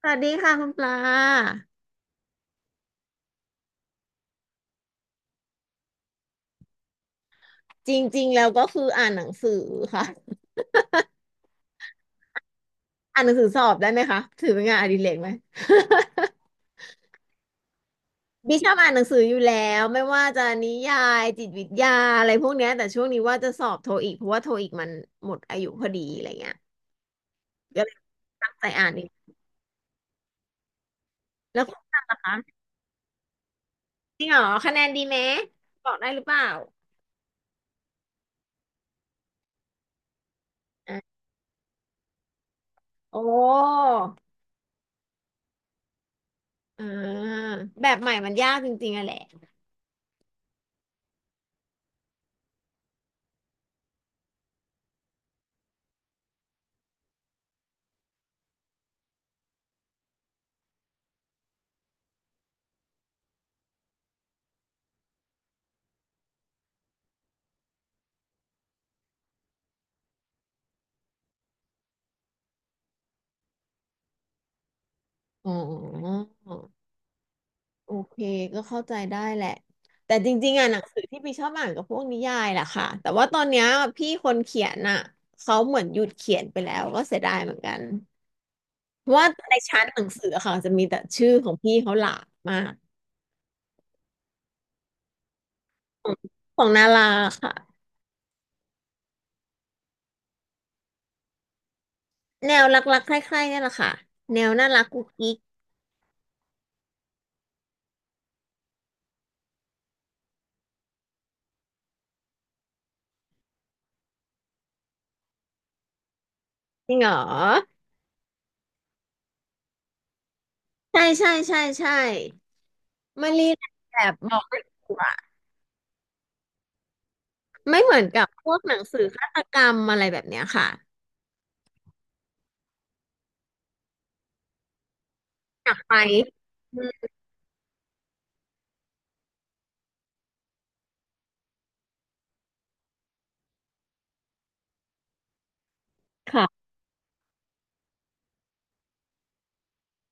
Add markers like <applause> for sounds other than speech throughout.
สวัสดีค่ะคุณปลาจริงๆแล้วก็คืออ่านหนังสือค่ะอ่านหนังสือสอบได้ไหมคะถือเป็นงานอดิเรกไหม <laughs> ดิชอบอ่านหนังสืออยู่แล้วไม่ว่าจะนิยายจิตวิทยาอะไรพวกเนี้ยแต่ช่วงนี้ว่าจะสอบโทอีกเพราะว่าโทอีกมันหมดอายุพอดีอะไรเงี้ยก็เลยตั้งใจอ่านอีกแล้วคุณปลาล่ะคะจริงเหรอคะแนนดีไหมบอกได้หรือเปล่าอ่ะโอ้อ่าแบบใหม่มันยากจริงๆอะแหละอ๋อ โอเคก็เข้าใจได้แหละแต่จริงๆอ่ะหนังสือที่พี่ชอบอ่านกับพวกนิยายแหละค่ะแต่ว่าตอนเนี้ยพี่คนเขียนอ่ะเขาเหมือนหยุดเขียนไปแล้วก็เสียดายเหมือนกันเพราะว่าในชั้นหนังสืออะค่ะจะมีแต่ชื่อของพี่เขาหลากมากของของนาราค่ะแนวรักๆใคร่ๆเนี่ยแหละค่ะแนวน่ารักกุ๊กกิ๊กจริงเหรอใช่ใช่ใช่ใช่มารีแลกซ์แบบบอกไม่ถูกอะไม่เหมือนกับพวกหนังสือฆาตกรรมอะไรแบบเนี้ยค่ะอยากไปอืม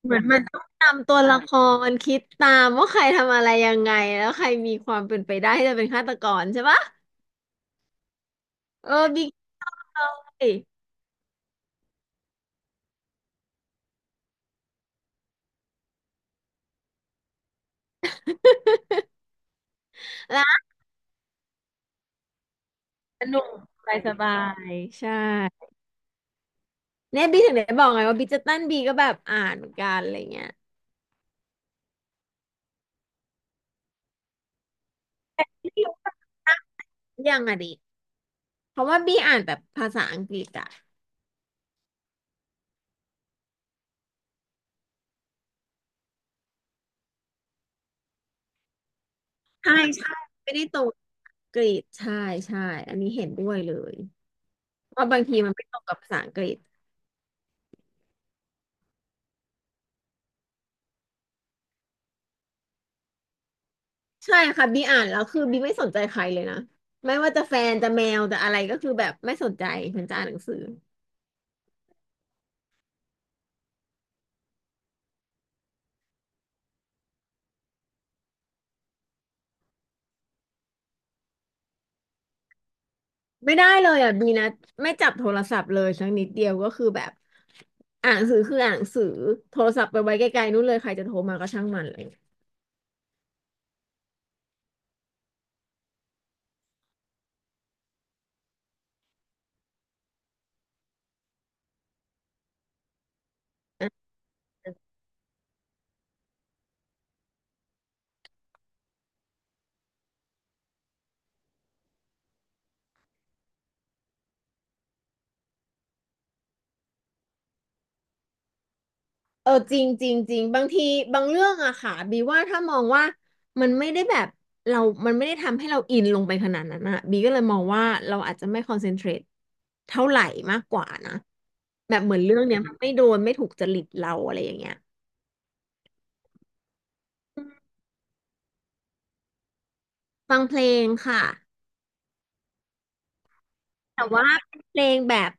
เหมือนมันต้องตามตัวละครคิดตามว่าใครทำอะไรยังไงแล้วใครมีความเป็นไปได้ที่จะเป็นฆาตกรใช่ปะเออบิ๊กเลยแล้วสนุกสบายสบายใช่เนี่ยบิ๊กถึงได้บอกไงว่าบิ๊กจะตั้นบีก็แบบอ่านเหมือนกันอะไรเงี้ยนี่ยกยังอะดิเพราะว่าบีอ่านแบบภาษาอังกฤษอ่ะใช่ใช่ไม่ได้ตรงอังกฤษใช่ใช่อันนี้เห็นด้วยเลยว่าบางทีมันไม่ตรงกับภาษาอังกฤษ ใช่ค่ะบีอ่านแล้วคือบีไม่สนใจใครเลยนะไม่ว่าจะแฟนจะแมวจะอะไรก็คือแบบไม่สนใจฉันจะอ่านหนังสือไม่ได้เลยอ่ะบีนะไม่จับโทรศัพท์เลยสักนิดเดียวก็คือแบบอ่านหนังสือคืออ่านหนังสือโทรศัพท์ไปไว้ไกลๆนู่นเลยใครจะโทรมาก็ช่างมันเลย เออจริงจริงจริงบางทีบางเรื่องอะค่ะบีว่าถ้ามองว่ามันไม่ได้แบบเรามันไม่ได้ทำให้เราอินลงไปขนาดนั้นอะบีก็เลยมองว่าเราอาจจะไม่คอนเซนเทรตเท่าไหร่มากกว่านะแบบเหมือนเรื่องเนี้ยมันไม่โดนไม่ถูกจริตเราอะไรอย่างเงี้ยฟังเพลงค่ะแต่ว่าเป็นเพลงแบบ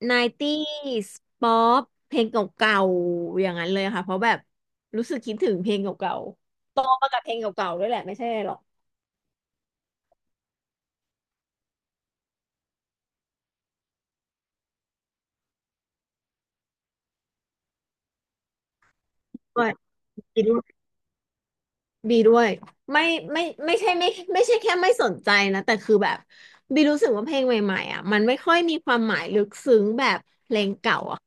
90s ป๊อปเพลงเก่าๆอย่างนั้นเลยค่ะเพราะแบบรู้สึกคิดถึงเพลงเก่าๆโตมากับเพลงเก่าๆด้วยแหละไม่ใช่หรอกด้วย บีด้วยไม่ไม่ไม่ใช่ไม่ใช่แค่ไม่สนใจนะแต่คือแบบบีรู้สึกว่าเพลงใหม่ๆอ่ะมันไม่ค่อยมีความหมายลึกซึ้งแบบเพลงเก่าอ่ะ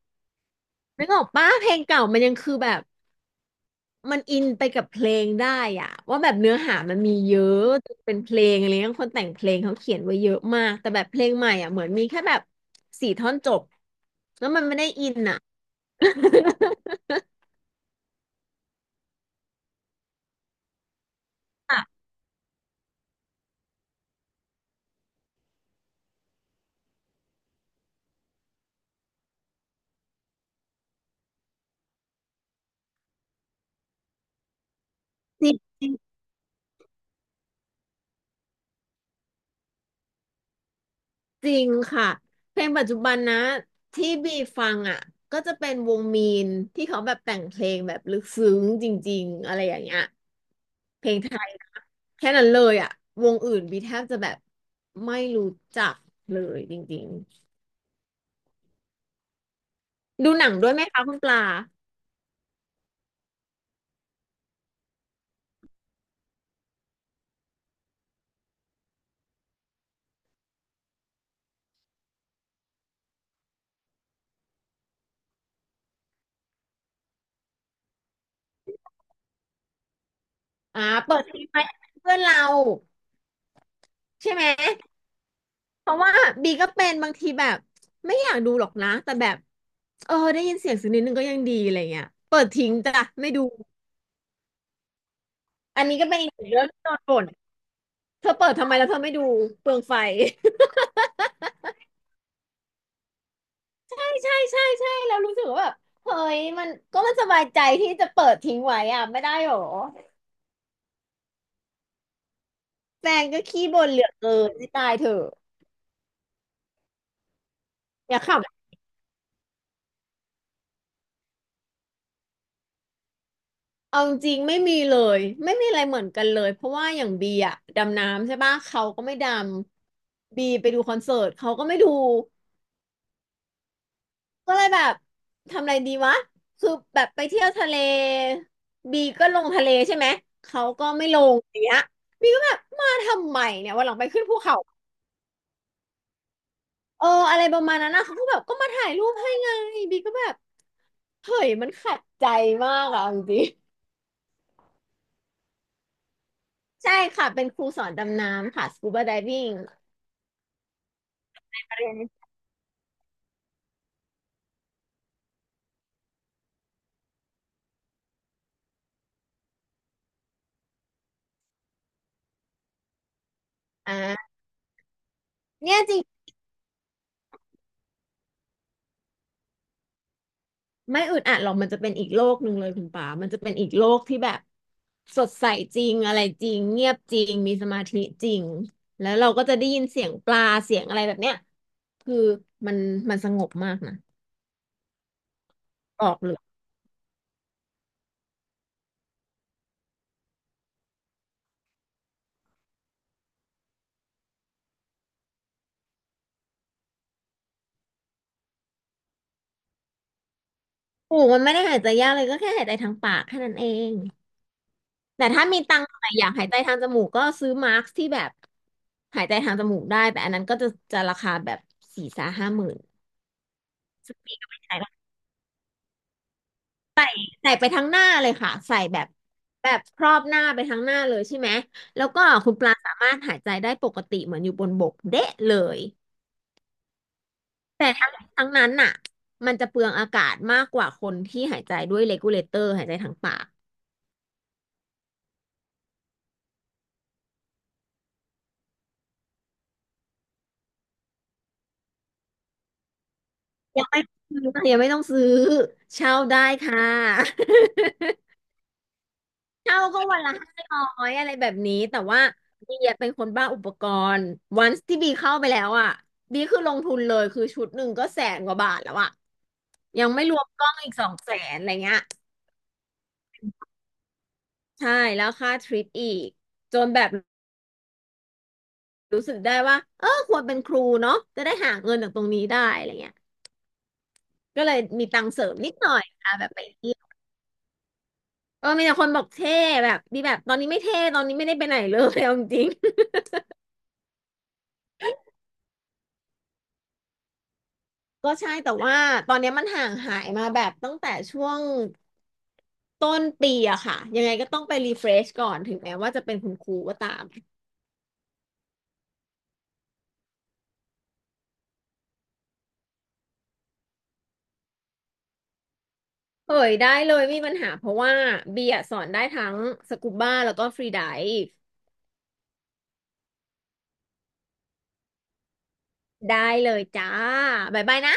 นึกออกปะเพลงเก่ามันยังคือแบบมันอินไปกับเพลงได้อ่ะว่าแบบเนื้อหามันมีเยอะเป็นเพลงอะไรเงี้ยคนแต่งเพลงเขาเขียนไว้เยอะมากแต่แบบเพลงใหม่อ่ะเหมือนมีแค่แบบสี่ท่อนจบแล้วมันไม่ได้อินอ่ะ <laughs> จริง จริงค่ะเพลงปัจจุบันนะที่บีฟังอ่ะก็จะเป็นวงมีนที่เขาแบบแต่งเพลงแบบลึกซึ้งจริงๆอะไรอย่างเงี้ยเพลงไทยแค่นั้นเลยอ่ะวงอื่นบีแทบจะแบบไม่รู้จักเลยจริงๆดูหนังด้วยไหมคะคุณปลาอ่าเปิดทีไปเพื่อนเราใช่ไหมเพราะว่าบีก็เป็นบางทีแบบไม่อยากดูหรอกนะแต่แบบเออได้ยินเสียงสักนิดนึงก็ยังดีอะไรเงี้ยเปิดทิ้งจ้ะไม่ดูอันนี้ก็เป็นอีกหนึ่งเรื่องที่โดนบ่น เธอเปิดทำไมแล้วเธอไม่ดูเปลืองไฟ <laughs> ใช่ใช่ใช่ใช่แล้วรู้สึกว่าแบบเฮ้ยมันก็มันสบายใจที่จะเปิดทิ้งไว้อ่ะไม่ได้หรอแฟนก็ขี้บ่นเหลือเกินที่ตายเถอะอย่าขำเอาจริงไม่มีเลยไม่มีอะไรเหมือนกันเลยเพราะว่าอย่างบีอะดำน้ำใช่ปะเขาก็ไม่ดำบีไปดูคอนเสิร์ตเขาก็ไม่ดู ก็เลยแบบทำอะไรดีวะคือแบบไปเที่ยวทะเลบีก็ลงทะเลใช่ไหมเขาก็ไม่ลงอย่างเงี้ยบีก็แบบมาทำไมเนี่ยวันหลังไปขึ้นภูเขาเอออะไรประมาณนั้นนะเขาก็แบบก็มาถ่ายรูปให้ไงบีก็แบบเฮ้ยมันขัดใจมากอะจริงๆใช่ค่ะเป็นครูสอนดำน้ำค่ะสกูบาได i ิ g งเรียนอ่าเนี่ยจ ไม่อึดอัดหรอกมันจะเป็นอีกโลกหนึ่งเลยคุณป๋ามันจะเป็นอีกโลกที่แบบสดใสจริงอะไรจริงเงียบจริงมีสมาธิจริงแล้วเราก็จะได้ยินเสียงปลาเสียงอะไรแบบเนี้ยคือมันมันสงบมากนะบอกเลยถูกมันไม่ได้หายใจยากเลยก็แค่หายใจทางปากแค่นั้นเองแต่ถ้ามีตังค์หน่อยอยากหายใจทางจมูกก็ซื้อมาร์คที่แบบหายใจทางจมูกได้แต่อันนั้นก็จะราคาแบบ40,000-50,000ซึ่งปีก็ไม่ใช่ ใส่ไปทั้งหน้าเลยค่ะใส่แบบครอบหน้าไปทั้งหน้าเลยใช่ไหมแล้วก็คุณปลาสามารถหายใจได้ปกติเหมือนอยู่บนบกเดะเลยแต่ทั้งนั้นน่ะมันจะเปลืองอากาศมากกว่าคนที่หายใจด้วยเ e กูเลเตอร์หายใจทางปากยังไม่ต้องซื้อค่ะยังไม่ต้องซื้อเช่าได้ค่ะ <laughs> เช่าก็วันละ500อะไรแบบนี้แต่ว่าบีอะเป็นคนบ้าอุปกรณ์วันที่บีเข้าไปแล้วอ่ะบีคือลงทุนเลยคือชุดหนึ่งก็100,000 กว่าบาทแล้วอ่ะ ยังไม่รวมกล้องอีก200,000อะไรเงี้ยใช่แล้วค่าทริปอีกจนแบบรู้สึกได้ว่าเออควรเป็นครูเนาะจะได้หาเงินจากตรงนี้ได้อะไรเงี้ยก็เลยมีตังค์เสริมนิดหน่อยอ่ะแบบไปเที่ยวเออมีแต่คนบอกเท่แบบดีแบบตอนนี้ไม่เท่ตอนนี้ไม่ได้ไปไหนเลยเอาจริงๆ <laughs> ก็ใช่แต่ว่าตอนเนี้ยมันห่างหายมาแบบตั้งแต่ช่วงต้นปีอะค่ะยังไงก็ต้องไปรีเฟรชก่อนถึงแม้ว่าจะเป็นคุณครูก็ตาม เฮ้ยได้เลยไมมีปัญหาเพราะว่าเบียร์สอนได้ทั้งสกูบ้าแล้วก็ฟรีไดฟ์ได้เลยจ้าบ๊ายบายนะ